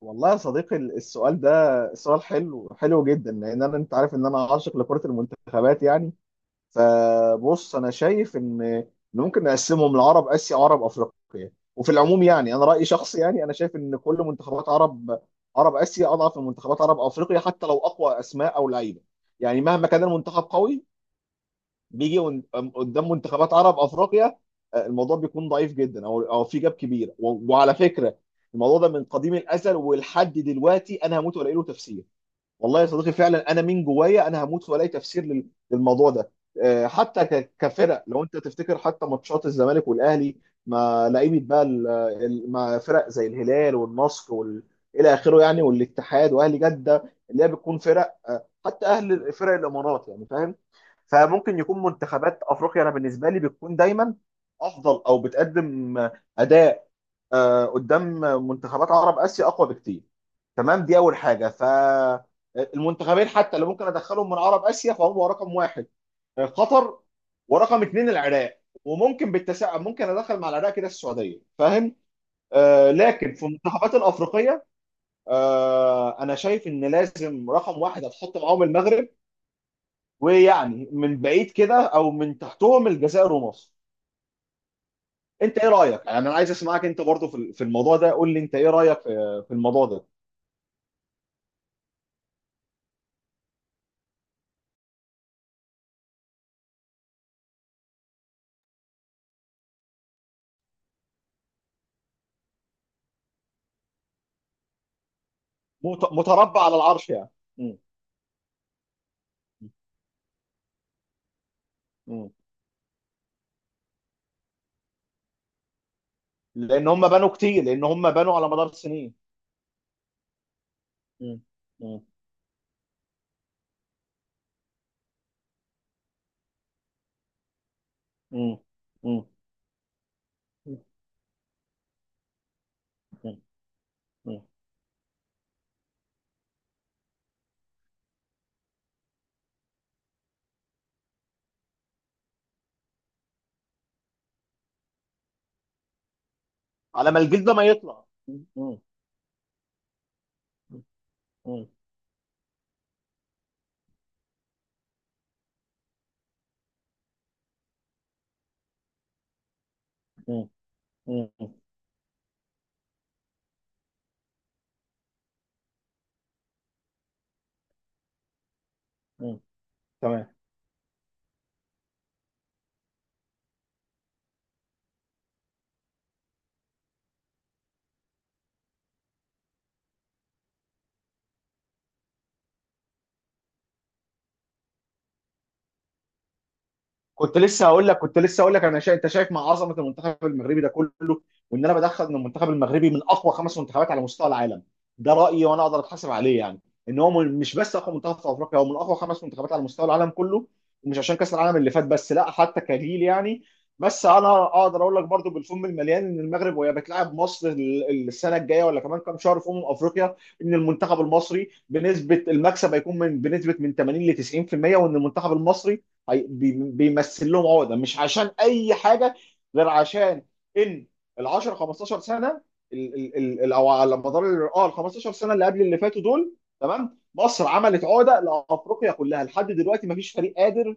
والله يا صديقي السؤال ده سؤال حلو حلو جدا لان انت عارف ان انا عاشق لكرة المنتخبات يعني. فبص انا شايف إن ممكن نقسمهم لعرب اسيا وعرب افريقيا، وفي العموم يعني انا رأيي شخصي، يعني انا شايف ان كل منتخبات عرب اسيا اضعف من منتخبات عرب افريقيا، حتى لو اقوى اسماء او لعيبة. يعني مهما كان المنتخب قوي بيجي قدام منتخبات عرب افريقيا، الموضوع بيكون ضعيف جدا، او في جاب كبير، وعلى فكره الموضوع ده من قديم الازل ولحد دلوقتي انا هموت والاقي له تفسير. والله يا صديقي فعلا انا من جوايا انا هموت والاقي تفسير للموضوع ده. حتى كفرق، لو انت تفتكر حتى ماتشات الزمالك والاهلي، ما لعيبه بقى مع فرق زي الهلال والنصر الى اخره، يعني والاتحاد واهلي جده، اللي هي بتكون فرق، حتى اهل فرق الامارات يعني، فاهم؟ فممكن يكون منتخبات افريقيا انا بالنسبه لي بتكون دايما افضل او بتقدم اداء قدام منتخبات عرب اسيا، اقوى بكتير. تمام؟ دي اول حاجه. فالمنتخبين حتى اللي ممكن ادخلهم من عرب اسيا فهم رقم واحد قطر، ورقم اثنين العراق، وممكن بالتساؤل ممكن ادخل مع العراق كده السعوديه، فاهم؟ لكن في المنتخبات الافريقيه، انا شايف ان لازم رقم واحد هتحط معاهم المغرب، ويعني من بعيد كده او من تحتهم الجزائر ومصر. انت ايه رايك؟ يعني انا عايز اسمعك انت برضه في الموضوع ده، قول لي انت ايه رايك في الموضوع ده. متربع على العرش يعني. مم. مم. لان هم بنوا كتير، لان هم بنوا على مدار السنين. مم. مم. مم. مم. مم. مم. على ما الجلد ده ما يطلع. مم. مم. مم. مم. مم. تمام. كنت لسه هقول لك انا انت شايف مع عظمه المنتخب المغربي ده كله، وان انا بدخل ان المنتخب المغربي من اقوى خمس منتخبات على مستوى العالم. ده رايي وانا اقدر اتحاسب عليه يعني. ان هو مش بس اقوى منتخب في افريقيا، هو من اقوى خمس منتخبات على مستوى العالم كله، ومش عشان كاس العالم اللي فات بس، لا، حتى كجيل يعني. بس انا اقدر اقول لك برضو بالفم المليان ان المغرب وهي بتلعب مصر السنه الجايه، ولا كمان كام شهر في افريقيا، ان المنتخب المصري بنسبه المكسب هيكون من 80 ل 90%، وان المنتخب المصري بيمثل لهم عقده، مش عشان اي حاجه غير عشان ان ال 10 15 سنه، او على مدار ال 15 سنه اللي قبل اللي فاتوا دول، تمام؟ مصر عملت عقده لافريقيا كلها، لحد دلوقتي ما فيش فريق قادر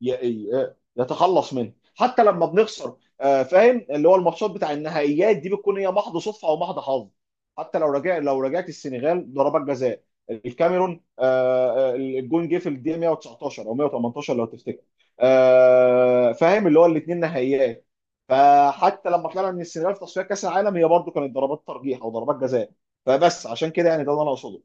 يتخلص منه. حتى لما بنخسر، فاهم، اللي هو الماتشات بتاع النهائيات دي بتكون هي محض صدفه او محض حظ. حتى لو رجع لو رجعت السنغال ضربات جزاء، الكاميرون، الجون جه في الدقيقه 119 او 118 لو تفتكر، فاهم اللي هو الاثنين نهائيات. فحتى لما طلعنا من السنغال في تصفيات كاس العالم، هي برضو كانت ضربات ترجيح او ضربات جزاء. فبس عشان كده يعني، ده اللي انا اقصده.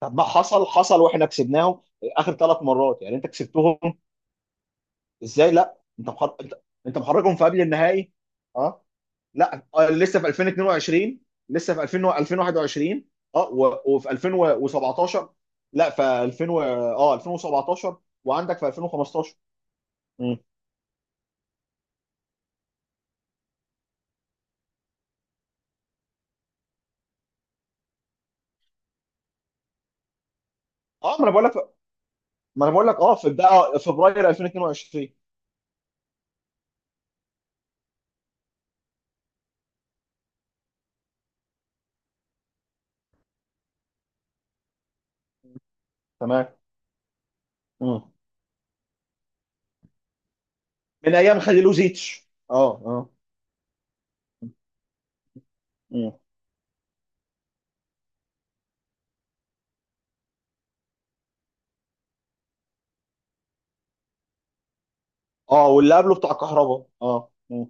طب ما حصل حصل، واحنا كسبناهم اخر ثلاث مرات يعني. انت كسبتهم ازاي؟ لا، انت انت انت محركهم في قبل النهائي. اه، لا، لسه في 2022، لسه في 2021، اه، وفي 2017. لا، في 2000 و... اه 2017، وعندك في 2015. مم. اه، ما انا بقول لك، اه، في بقى فبراير 2022. تمام. مم. من ايام خليلوزيتش، اه، اه. مم. اه، واللي قبله بتاع كهربا، اه. مم.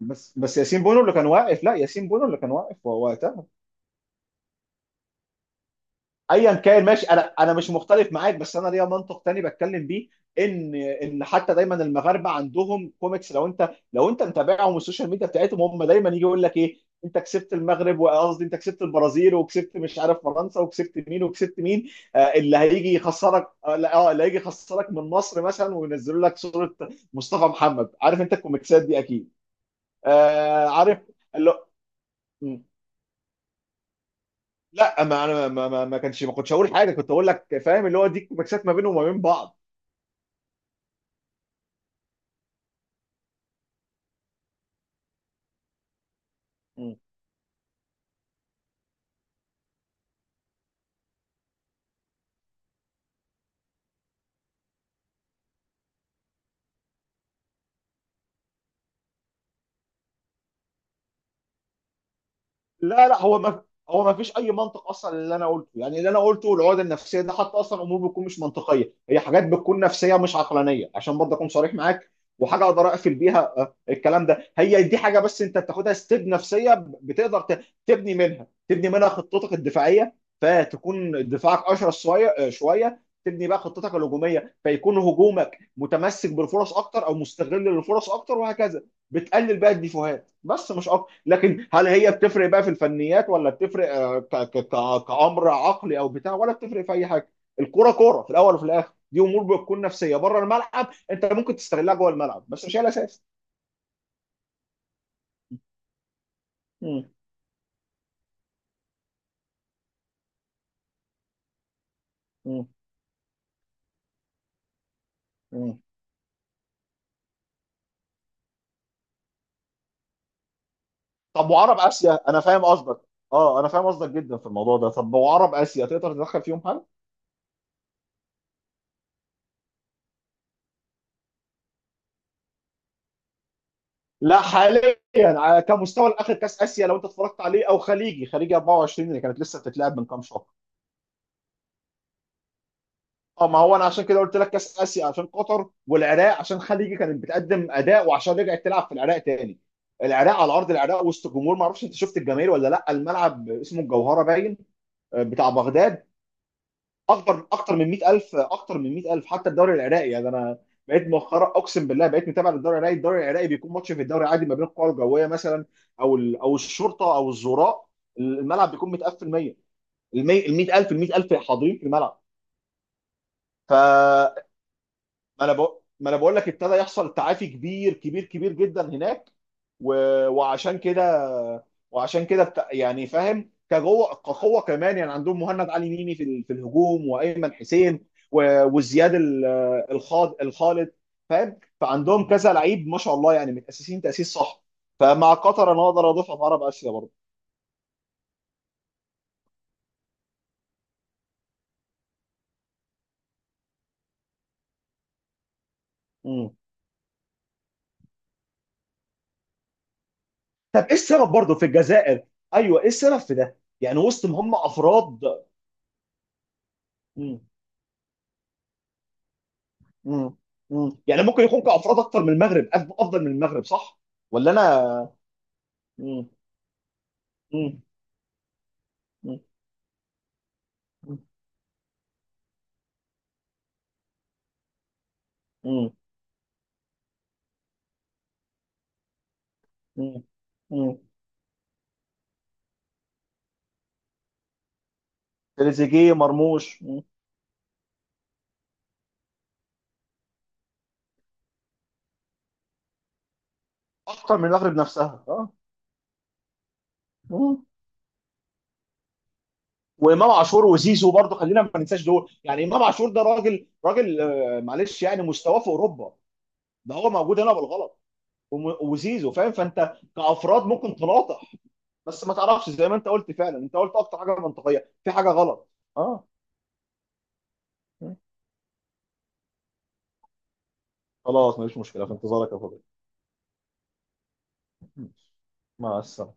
بس ياسين بونو اللي كان واقف، لا، ياسين بونو اللي كان واقف وقتها. ايا كان، ماشي، انا مش مختلف معاك، بس انا ليا منطق تاني بتكلم بيه، ان حتى دايما المغاربه عندهم كوميكس، لو انت لو انت متابعهم والسوشيال ميديا بتاعتهم، هم دايما يجي يقول لك ايه، انت كسبت المغرب، وقصدي انت كسبت البرازيل، وكسبت مش عارف فرنسا، وكسبت مين وكسبت مين. اللي هيجي يخسرك، اه، لا، اللي هيجي يخسرك من مصر مثلا، وينزلوا لك صوره مصطفى محمد، عارف انت الكوميكسات دي اكيد. عارف اللي- لا، ما انا ما كنتش هقول حاجه، كنت اقول لك فاهم اللي هو دي مكسات ما بينهم وما بين بعض. لا لا، هو ما فيش اي منطق اصلا اللي انا قلته، يعني اللي انا قلته العقد النفسيه ده حتى اصلا، امور بتكون مش منطقيه، هي حاجات بتكون نفسيه مش عقلانيه، عشان برضه اكون صريح معاك. وحاجه اقدر اقفل بيها الكلام ده، هي دي حاجه بس انت بتاخدها ستيب نفسيه، بتقدر تبني منها، خطتك الدفاعيه، فتكون دفاعك اشرس شويه، شويه تبني بقى خطتك الهجوميه، فيكون هجومك متمسك بالفرص اكتر او مستغل للفرص اكتر، وهكذا. بتقلل بقى الديفوهات، بس مش اكتر. لكن هل هي بتفرق بقى في الفنيات؟ ولا بتفرق كأمر عقلي او بتاع، ولا بتفرق في اي حاجه؟ الكوره كوره في الاول وفي الاخر، دي امور بتكون نفسيه بره الملعب، انت ممكن تستغلها جوه الملعب، بس مش هي الاساس. مم. مم. مم. طب وعرب اسيا، انا فاهم قصدك. اه، انا فاهم قصدك جدا في الموضوع ده. طب وعرب اسيا تقدر تدخل فيهم حاجه؟ لا، حاليا على كمستوى الاخر كاس اسيا لو انت اتفرجت عليه، او خليجي 24 اللي كانت لسه بتتلعب من كام شهر. اه، ما هو انا عشان كده قلت لك كاس اسيا عشان قطر والعراق، عشان خليجي كانت بتقدم اداء، وعشان رجعت تلعب في العراق تاني، العراق على ارض العراق وسط جمهور. ما اعرفش انت شفت الجماهير ولا لا، الملعب اسمه الجوهره، باين بتاع بغداد، اكبر، اكتر من 100,000، اكتر من 100,000. حتى الدوري العراقي، يعني انا بقيت مؤخرا اقسم بالله بقيت متابع للدوري العراقي. الدوري العراقي بيكون ماتش في الدوري عادي ما بين القوى الجويه مثلا، او الشرطه او الزوراء، الملعب بيكون متقفل 100، ال 100,000، ال 100,000 حاضرين في الملعب. ف، ما انا بقول لك ابتدى يحصل تعافي كبير كبير كبير جدا هناك، و... وعشان كده، يعني فاهم كجوه كقوه كمان. يعني عندهم مهند علي ميمي في في الهجوم وايمن حسين، وزياد الخاض الخالد، فاهم؟ فعندهم كذا لعيب ما شاء الله يعني، متاسسين تاسيس صح. فمع قطر انا اقدر اضيفها في عرب اسيا برضه. مم. طب ايه السبب برضه في الجزائر؟ ايوه ايه السبب في ده؟ يعني وسط ما هم افراد. مم. مم. مم. يعني ممكن يكون كافراد اكتر من المغرب، افضل من المغرب، صح ولا انا؟ مم. مم. مم. مم. مم. مم. تريزيجيه مرموش. مم. اكتر من المغرب نفسها، اه. مم. وامام عاشور وزيزو برضه، خلينا ما ننساش دول، يعني امام عاشور ده راجل راجل، معلش يعني، مستواه في اوروبا، ده هو موجود هنا بالغلط. وزيزو فاهم؟ فانت كافراد ممكن تناطح، بس ما تعرفش، زي ما انت قلت فعلا، انت قلت اكتر حاجه منطقيه، في حاجه غلط. اه. خلاص، مفيش مشكلة، في انتظارك يا فضل. مع السلامة.